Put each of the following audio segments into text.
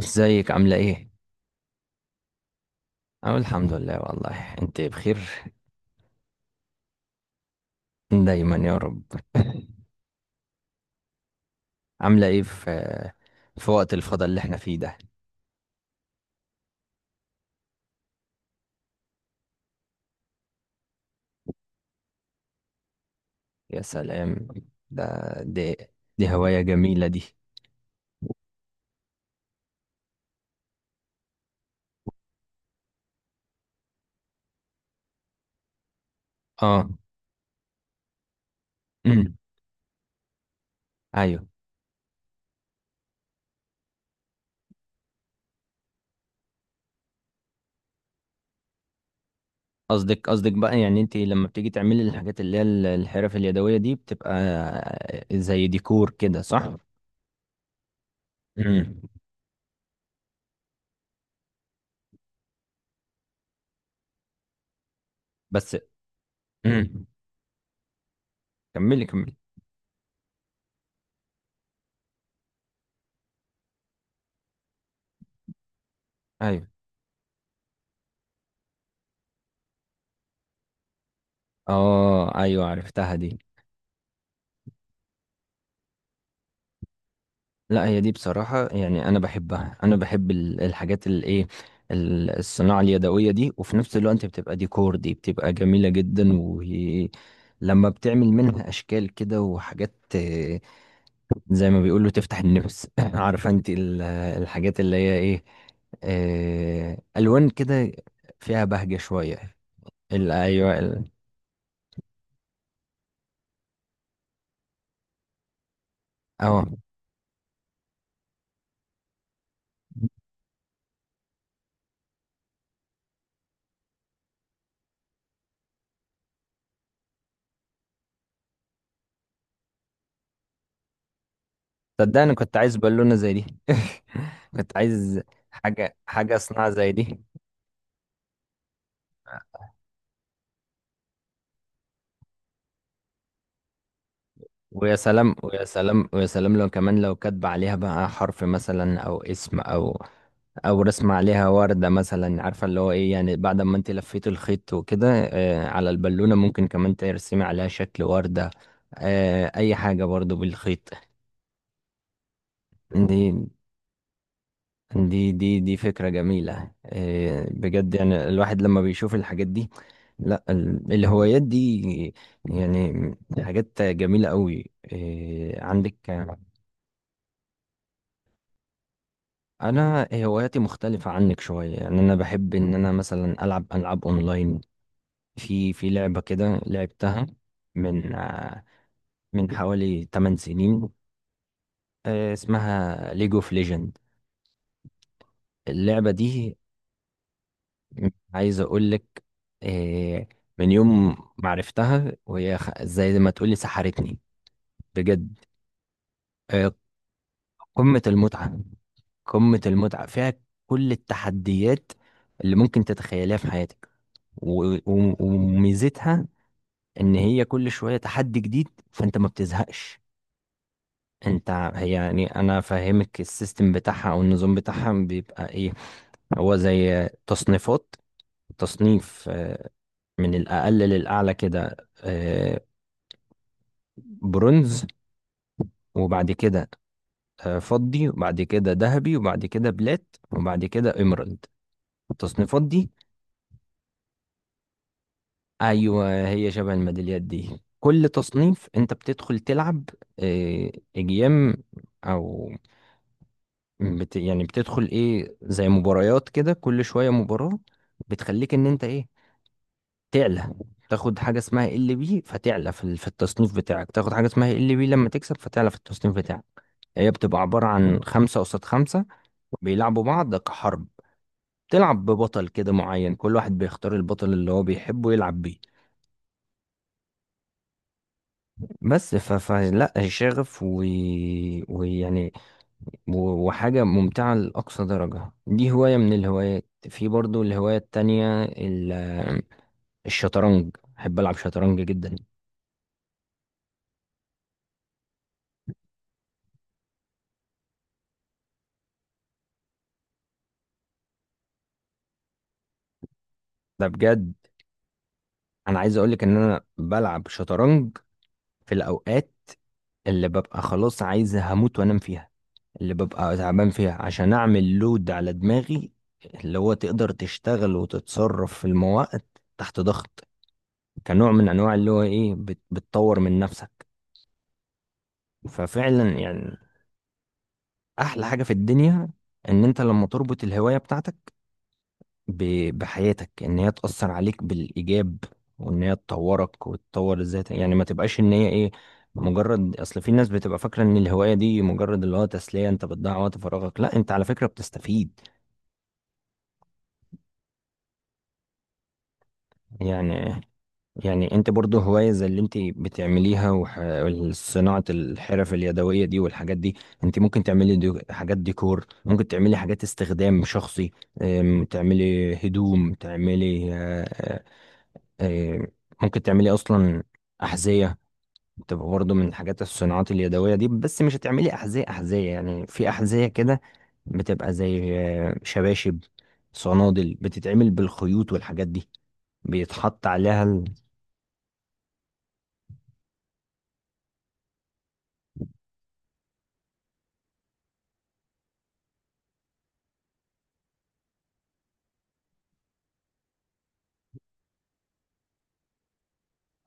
ازيك عاملة ايه؟ أقول الحمد لله. والله انت بخير دايما يا رب. عاملة ايه في وقت الفضا اللي احنا فيه ده. يا سلام. ده دي دي هواية جميلة دي. اه. أمم، ايوه. قصدك بقى، يعني انت لما بتيجي تعملي الحاجات اللي هي الحرف اليدوية دي، بتبقى زي ديكور كده، صح؟ أمم، بس أمم، كملي كملي. ايوه. اه ايوه، عرفتها دي. لا هي دي بصراحة، يعني أنا بحبها، أنا بحب الحاجات اللي إيه، الصناعة اليدوية دي، وفي نفس الوقت بتبقى ديكور، دي بتبقى جميلة جدا، وهي لما بتعمل منها أشكال كده وحاجات. زي ما بيقولوا تفتح النفس. عارفة أنت الحاجات اللي هي إيه، ألوان كده، فيها بهجة شوية. أيوه أه. صدقني كنت عايز بالونة زي دي. كنت عايز حاجة صناعة زي دي. ويا سلام ويا سلام ويا سلام لو كمان، لو كاتبة عليها بقى حرف مثلا او اسم او او رسمة عليها وردة مثلا، عارفة اللي هو ايه، يعني بعد ما انت لفيت الخيط وكده، على البالونة ممكن كمان ترسمي عليها شكل وردة، اي حاجة برضو بالخيط. دي دي فكرة جميلة. بجد، يعني الواحد لما بيشوف الحاجات دي، لا الهوايات دي يعني حاجات جميلة قوي. إيه، عندك؟ انا هواياتي مختلفة عنك شوية، يعني انا بحب ان انا مثلا العب العاب اونلاين. في لعبة كده لعبتها من من حوالي 8 سنين، اسمها ليج اوف ليجند اللعبة دي. عايز اقول لك، آه، من يوم ما عرفتها وهي زي ما تقولي سحرتني، بجد. آه، قمة المتعة، قمة المتعة فيها، كل التحديات اللي ممكن تتخيليها في حياتك، و- و- وميزتها ان هي كل شويه تحدي جديد، فانت ما بتزهقش. انت، هي يعني انا فاهمك السيستم بتاعها او النظام بتاعها بيبقى ايه. هو زي تصنيفات، تصنيف من الأقل للأعلى كده، آه، برونز، وبعد كده فضي، وبعد كده ذهبي، وبعد كده بلات، وبعد كده إيمرالد، التصنيفات دي. أيوة هي شبه الميداليات دي، كل تصنيف أنت بتدخل تلعب، آه، أجيام، أو بت يعني بتدخل ايه زي مباريات كده، كل شوية مباراة بتخليك ان انت ايه، تعلى، تاخد حاجة اسمها ال بي، فتعلى في في التصنيف بتاعك. تاخد حاجة اسمها ال بي لما تكسب، فتعلى في التصنيف بتاعك. هي بتبقى عبارة عن خمسة قصاد خمسة، بيلعبوا بعض كحرب، تلعب ببطل كده معين، كل واحد بيختار البطل اللي هو بيحبه يلعب بيه. بس ف... فلا شغف ويعني، و- و-حاجة ممتعة لأقصى درجة. دي هواية من الهوايات. في برضو الهواية التانية الشطرنج، بحب ألعب شطرنج جدا. ده بجد. أنا عايز أقولك إن أنا بلعب شطرنج في الأوقات اللي ببقى خلاص عايز هموت وأنام فيها، اللي ببقى تعبان فيها، عشان أعمل لود على دماغي، اللي هو تقدر تشتغل وتتصرف في المواقف تحت ضغط، كنوع من أنواع اللي هو إيه، بتطور من نفسك. ففعلا يعني احلى حاجه في الدنيا ان انت لما تربط الهوايه بتاعتك بحياتك، ان هي تاثر عليك بالايجاب، وان هي تطورك وتطور ذاتك، يعني ما تبقاش ان هي ايه مجرد. اصل في ناس بتبقى فاكره ان الهوايه دي مجرد اللي هو تسليه، انت بتضيع وقت فراغك، لا، انت على فكره بتستفيد. يعني يعني انت برضو هواية زي اللي انت بتعمليها، وصناعة الحرف اليدوية دي والحاجات دي، انت ممكن تعملي دي حاجات ديكور، ممكن تعملي حاجات استخدام شخصي، تعملي هدوم، تعملي اه، ممكن تعملي اصلا احذية، تبقى برضو من حاجات الصناعات اليدوية دي. بس مش هتعملي احذية احذية، يعني في احذية كده بتبقى زي شباشب، صنادل، بتتعمل بالخيوط والحاجات دي، بيتحط عليها.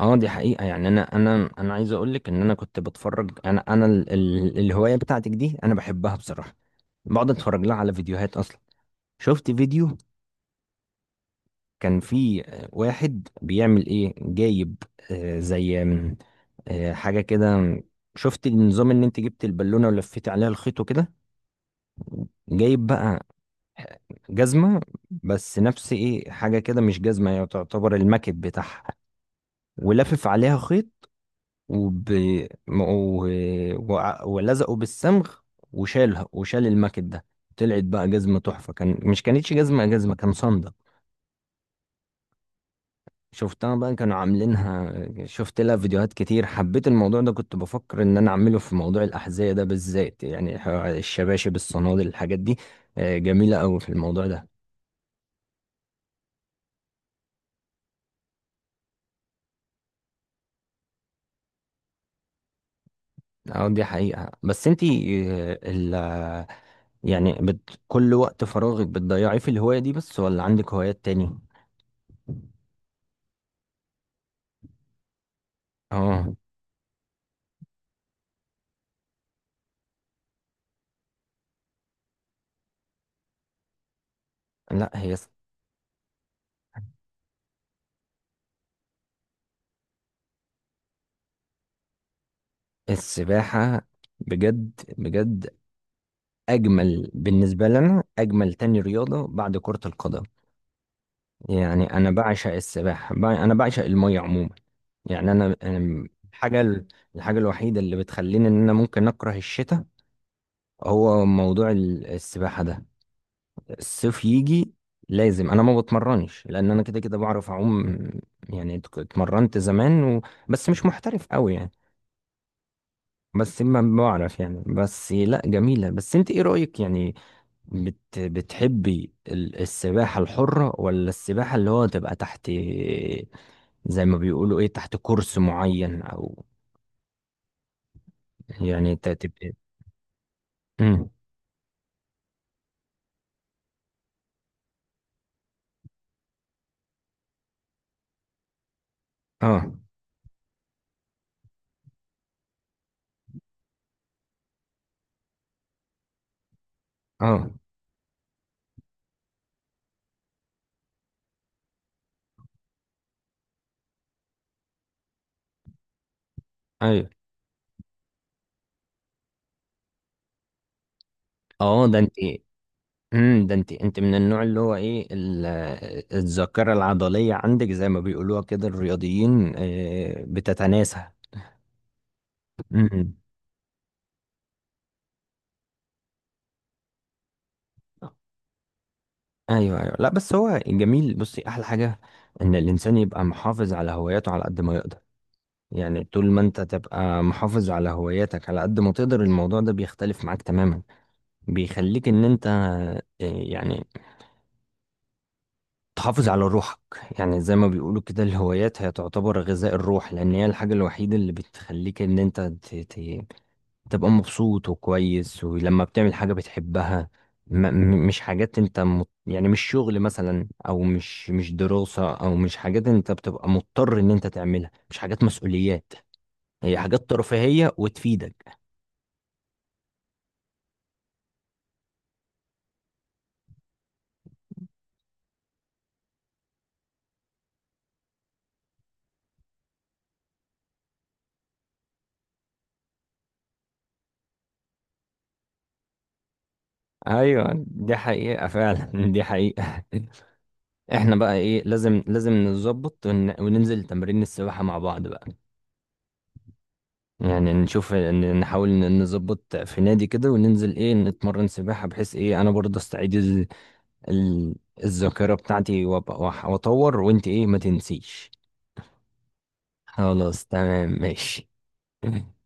اه دي حقيقة، يعني انا عايز اقول لك ان انا كنت بتفرج، انا ال الهواية بتاعتك دي انا بحبها بصراحة، بقعد اتفرج لها على فيديوهات اصلا. شفت فيديو كان فيه واحد بيعمل ايه، جايب زي حاجة كده. شفت النظام ان انت جبت البالونة ولفيت عليها الخيط وكده، جايب بقى آه، جزمة، بس نفس ايه، حاجة كده مش جزمة، هي تعتبر المكب بتاعها، ولافف عليها خيط، وب... م- و... وع- ولزقوا بالصمغ، وشالها وشال الماكت ده، طلعت بقى جزمة تحفة. كان مش كانتش جزمة جزمة، كان صندل. شفتها بقى كانوا عاملينها، شفت لها فيديوهات كتير، حبيت الموضوع ده، كنت بفكر ان انا اعمله في موضوع الأحذية ده بالذات، يعني الشباشب الصنادل الحاجات دي. جميلة قوي في الموضوع ده. اه دي حقيقة. بس انتي، آه، ال يعني بت، كل وقت فراغك بتضيعيه في الهواية دي بس، ولا عندك هوايات تاني؟ اه. لا هي السباحة بجد بجد أجمل بالنسبة لنا، أجمل تاني رياضة بعد كرة القدم. يعني أنا بعشق السباحة، أنا بعشق المية عموما. يعني أنا الحاجة الحاجة الوحيدة اللي بتخليني إن أنا ممكن أكره الشتاء، هو موضوع السباحة ده. الصيف يجي لازم. أنا ما بتمرنش لأن أنا كده كده بعرف أعوم، يعني اتمرنت زمان بس مش محترف قوي يعني. بس ما بعرف يعني، بس لا جميلة. بس انت ايه رأيك يعني، بتحبي السباحة الحرة ولا السباحة اللي هو تبقى تحت، زي ما بيقولوا ايه، تحت كورس معين، او يعني تبقى. مم. اه. اه. ايوه. اه ده انت. ده انت، انت من النوع اللي هو ايه، الذاكرة العضلية عندك زي ما بيقولوها كده الرياضيين، بتتناسى. امم. ايوه ايوه، لا بس هو جميل. بصي احلى حاجة ان الانسان يبقى محافظ على هواياته على قد ما يقدر، يعني طول ما انت تبقى محافظ على هواياتك على قد ما تقدر، الموضوع ده بيختلف معاك تماما. بيخليك ان انت يعني تحافظ على روحك، يعني زي ما بيقولوا كده، الهوايات هي تعتبر غذاء الروح، لان هي الحاجة الوحيدة اللي بتخليك ان انت تبقى مبسوط وكويس، ولما بتعمل حاجة بتحبها م- مش حاجات انت يعني مش شغل مثلا، او مش مش دراسة، او مش حاجات انت بتبقى مضطر ان انت تعملها، مش حاجات مسؤوليات، هي حاجات ترفيهية وتفيدك. ايوه دي حقيقة فعلا. دي حقيقة. احنا بقى ايه، لازم نظبط، وننزل تمرين السباحة مع بعض بقى. يعني نشوف، نحاول نظبط في نادي كده، وننزل ايه، نتمرن سباحة، بحيث ايه انا برضه استعيد ال... الذاكرة بتاعتي، وأبقى- وأح- واطور. وانت ايه، ما تنسيش. خلاص تمام ماشي.